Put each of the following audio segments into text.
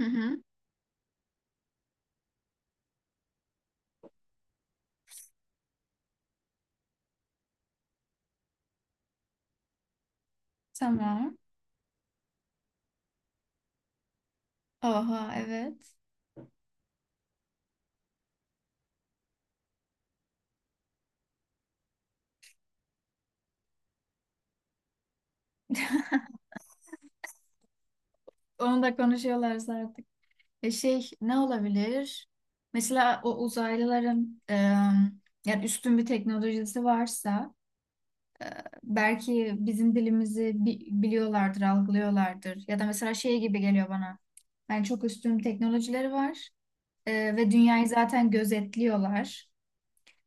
Hı hı. Tamam. Oha, evet. Onu da konuşuyorlar zaten. Şey ne olabilir? Mesela o uzaylıların yani üstün bir teknolojisi varsa e, belki bizim dilimizi biliyorlardır, algılıyorlardır. Ya da mesela şey gibi geliyor bana. Yani çok üstün teknolojileri var, ve dünyayı zaten gözetliyorlar.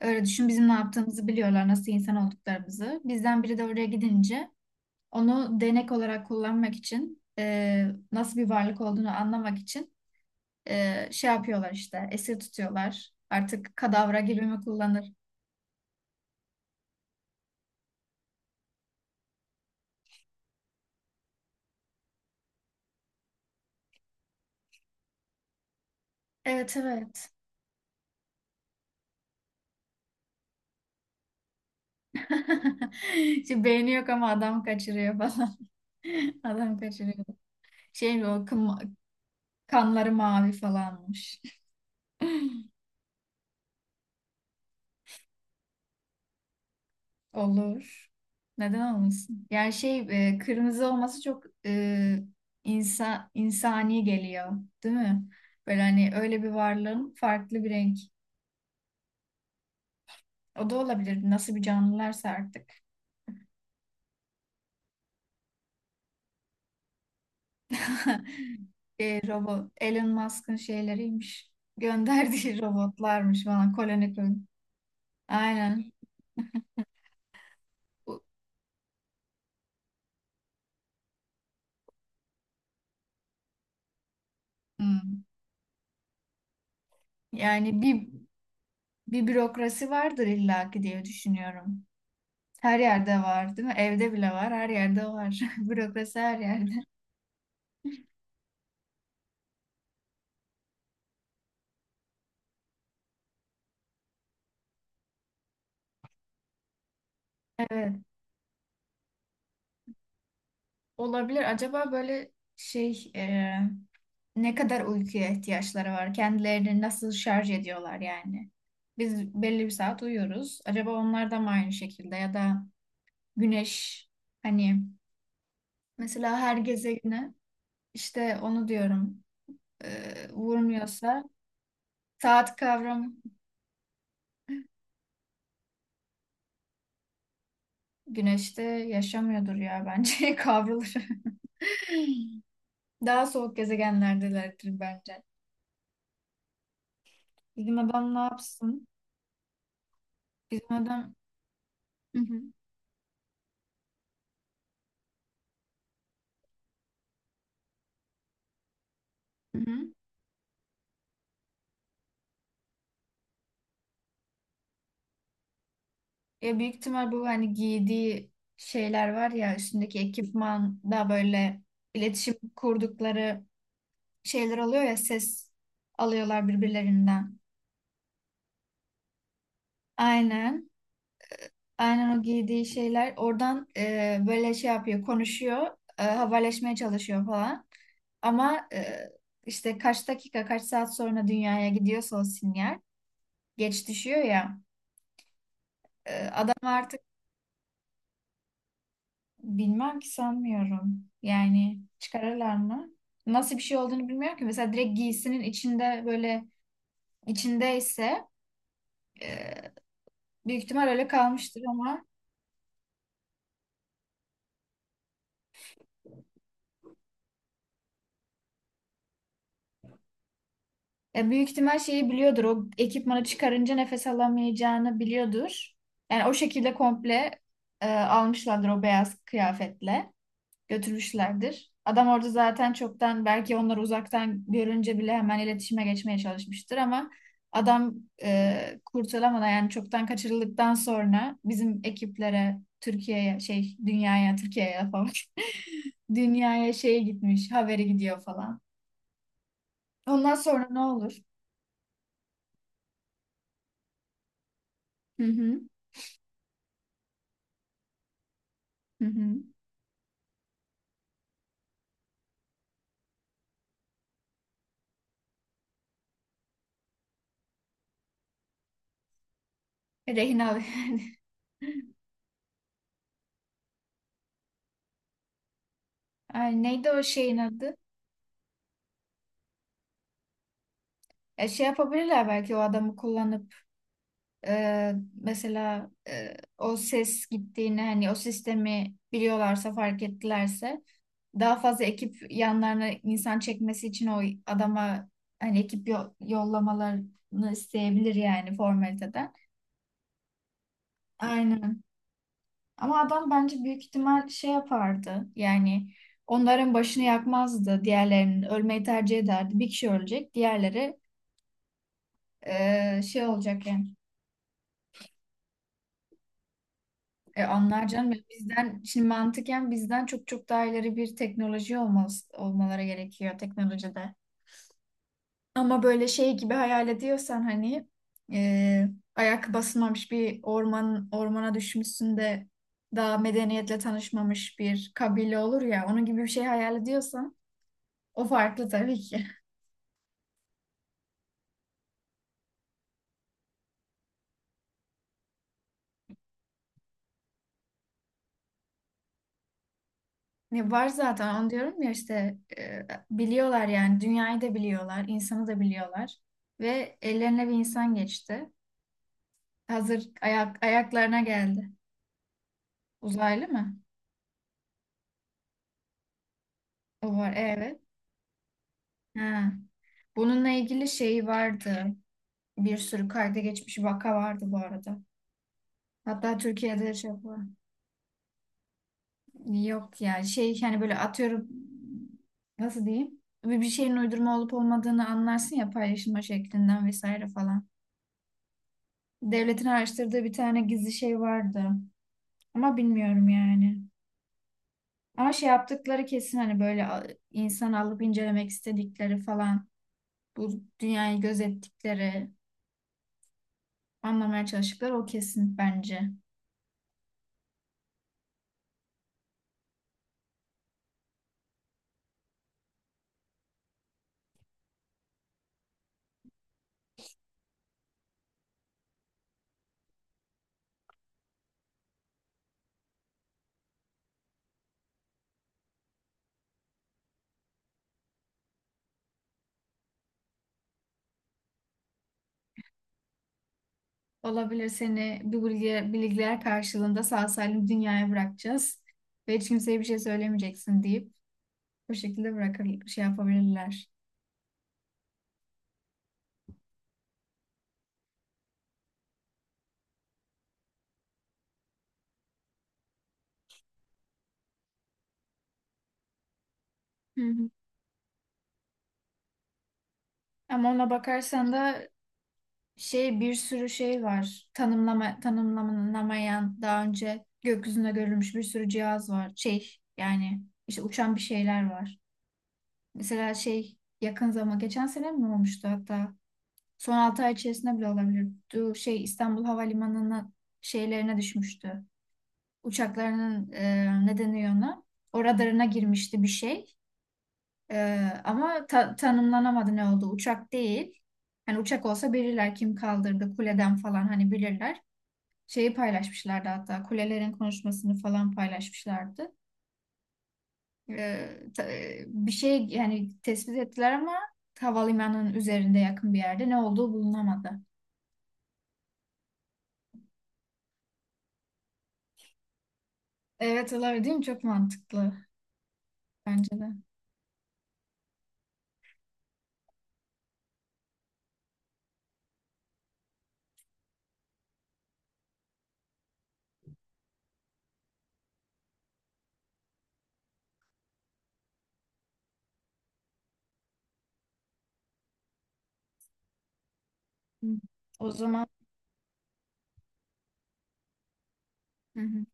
Öyle düşün, bizim ne yaptığımızı biliyorlar, nasıl insan olduklarımızı. Bizden biri de oraya gidince onu denek olarak kullanmak için, nasıl bir varlık olduğunu anlamak için şey yapıyorlar, işte esir tutuyorlar. Artık kadavra gibi mi kullanır? Evet, evet. Şimdi beyni yok ama adam kaçırıyor falan. Adam kaçırıyor. Şey, o kanları mavi falanmış. Olur. Neden olmasın? Yani şey, kırmızı olması çok insani geliyor, değil mi? Böyle hani öyle bir varlığın farklı bir renk. O da olabilir. Nasıl bir canlılarsa artık. Robot Elon Musk'ın şeyleriymiş. Gönderdiği robotlarmış falan, koloni kurun. Aynen. Bu- hmm. Yani bir bürokrasi vardır illaki diye düşünüyorum. Her yerde var, değil mi? Evde bile var, her yerde var. Bürokrasi her yerde. Evet, olabilir. Acaba böyle şey, ne kadar uykuya ihtiyaçları var? Kendilerini nasıl şarj ediyorlar yani? Biz belli bir saat uyuyoruz. Acaba onlar da mı aynı şekilde? Ya da güneş, hani mesela her gezegene işte onu diyorum, vurmuyorsa saat kavramı, güneşte yaşamıyordur ya bence, kavrulur. Daha soğuk gezegenlerdelerdir bence. Bizim adam ne yapsın? Bizim adam hı hı, hı hı. Ya büyük ihtimal bu hani giydiği şeyler var ya, üstündeki ekipman da böyle iletişim kurdukları şeyler oluyor ya, ses alıyorlar birbirlerinden. Aynen. Aynen o giydiği şeyler oradan böyle şey yapıyor, konuşuyor, haberleşmeye çalışıyor falan. Ama işte kaç dakika, kaç saat sonra dünyaya gidiyorsa o sinyal geç düşüyor ya. Ama artık bilmem ki, sanmıyorum. Yani çıkarırlar mı? Nasıl bir şey olduğunu bilmiyorum ki. Mesela direkt giysinin içinde böyle içindeyse e, büyük ihtimal öyle kalmıştır ama büyük ihtimal şeyi biliyordur. O ekipmanı çıkarınca nefes alamayacağını biliyordur. Yani o şekilde komple almışlardır, o beyaz kıyafetle götürmüşlerdir. Adam orada zaten çoktan, belki onları uzaktan görünce bile hemen iletişime geçmeye çalışmıştır ama adam kurtulamadan, yani çoktan kaçırıldıktan sonra bizim ekiplere, Türkiye'ye, şey dünyaya, Türkiye'ye falan dünyaya, şeye gitmiş haberi gidiyor falan. Ondan sonra ne olur? Hı hı. Hı hı. Rehin al. Ay, neydi o şeyin adı? Şey yapabilirler belki, o adamı kullanıp Ee, mesela o ses gittiğini, hani o sistemi biliyorlarsa, fark ettilerse daha fazla ekip, yanlarına insan çekmesi için o adama hani ekip yollamalarını isteyebilir, yani formaliteden. Aynen. Ama adam bence büyük ihtimal şey yapardı. Yani onların başını yakmazdı. Diğerlerinin ölmeyi tercih ederdi. Bir kişi ölecek, diğerleri şey olacak yani. E, anlar canım ya, bizden şimdi mantıken bizden çok çok daha ileri bir teknoloji olmaz, olmaları gerekiyor teknolojide. Ama böyle şey gibi hayal ediyorsan hani, e, ayak basmamış bir orman, ormana düşmüşsün de daha medeniyetle tanışmamış bir kabile olur ya, onun gibi bir şey hayal ediyorsan o farklı tabii ki. Ne var, zaten onu diyorum ya işte, biliyorlar yani, dünyayı da biliyorlar, insanı da biliyorlar ve ellerine bir insan geçti. Hazır ayak, ayaklarına geldi. Uzaylı mı? O var, evet. Ha. Bununla ilgili şey vardı. Bir sürü kayda geçmiş vaka vardı bu arada. Hatta Türkiye'de de şey var. Yok yani, şey hani böyle atıyorum, nasıl diyeyim? Bir, bir şeyin uydurma olup olmadığını anlarsın ya, paylaşılma şeklinden vesaire falan. Devletin araştırdığı bir tane gizli şey vardı. Ama bilmiyorum yani. Ama şey yaptıkları kesin, hani böyle insan alıp incelemek istedikleri falan, bu dünyayı gözettikleri, anlamaya çalıştıkları, o kesin bence. Olabilir, seni bu bilgiler, bilgiler karşılığında sağ salim dünyaya bırakacağız ve hiç kimseye bir şey söylemeyeceksin deyip bu şekilde bırakır, şey yapabilirler. Hı hı. Ama ona bakarsan da şey, bir sürü şey var. Tanımlama, tanımlanamayan, daha önce gökyüzünde görülmüş bir sürü cihaz var. Şey yani işte uçan bir şeyler var. Mesela şey yakın zaman, geçen sene mi olmuştu hatta? Son 6 ay içerisinde bile olabilir. Şey, İstanbul Havalimanı'nın şeylerine düşmüştü. Uçaklarının, ne deniyor ona? O radarına girmişti bir şey. E, Ama tanımlanamadı ne oldu. Uçak değil. Hani uçak olsa bilirler, kim kaldırdı kuleden falan, hani bilirler. Şeyi paylaşmışlardı hatta, kulelerin konuşmasını falan paylaşmışlardı. E, bir şey yani tespit ettiler ama havalimanının üzerinde yakın bir yerde ne olduğu bulunamadı. Evet, olabilir değil mi? Çok mantıklı. Bence de. Hı. O zaman hı hı,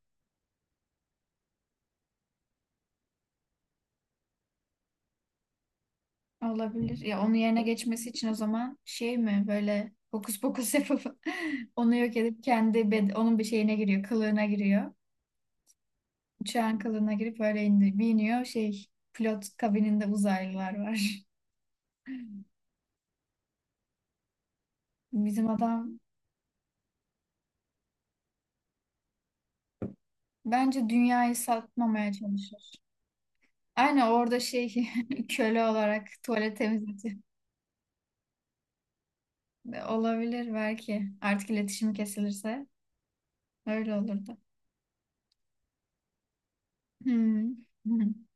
olabilir. Ya onun yerine geçmesi için o zaman şey mi, böyle hokus pokus yapıp onu yok edip kendi onun bir şeyine giriyor, kılığına giriyor. Uçağın kılığına girip öyle indi, biniyor. Şey, pilot kabininde uzaylılar var. Bizim adam bence dünyayı satmamaya çalışır. Aynen, orada şey köle olarak tuvalet temizletiyor. Olabilir belki. Artık iletişim kesilirse öyle olurdu. Hmm.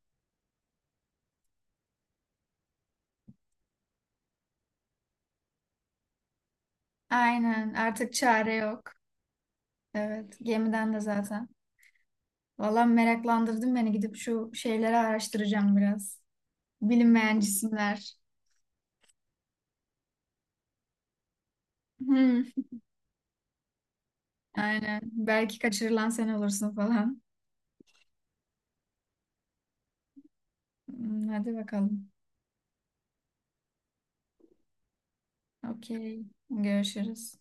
Aynen, artık çare yok. Evet, gemiden de zaten. Valla, meraklandırdın beni, gidip şu şeyleri araştıracağım biraz. Bilinmeyen cisimler. Hmm, aynen, belki kaçırılan sen olursun falan. Hmm, hadi bakalım. Okey, görüşürüz.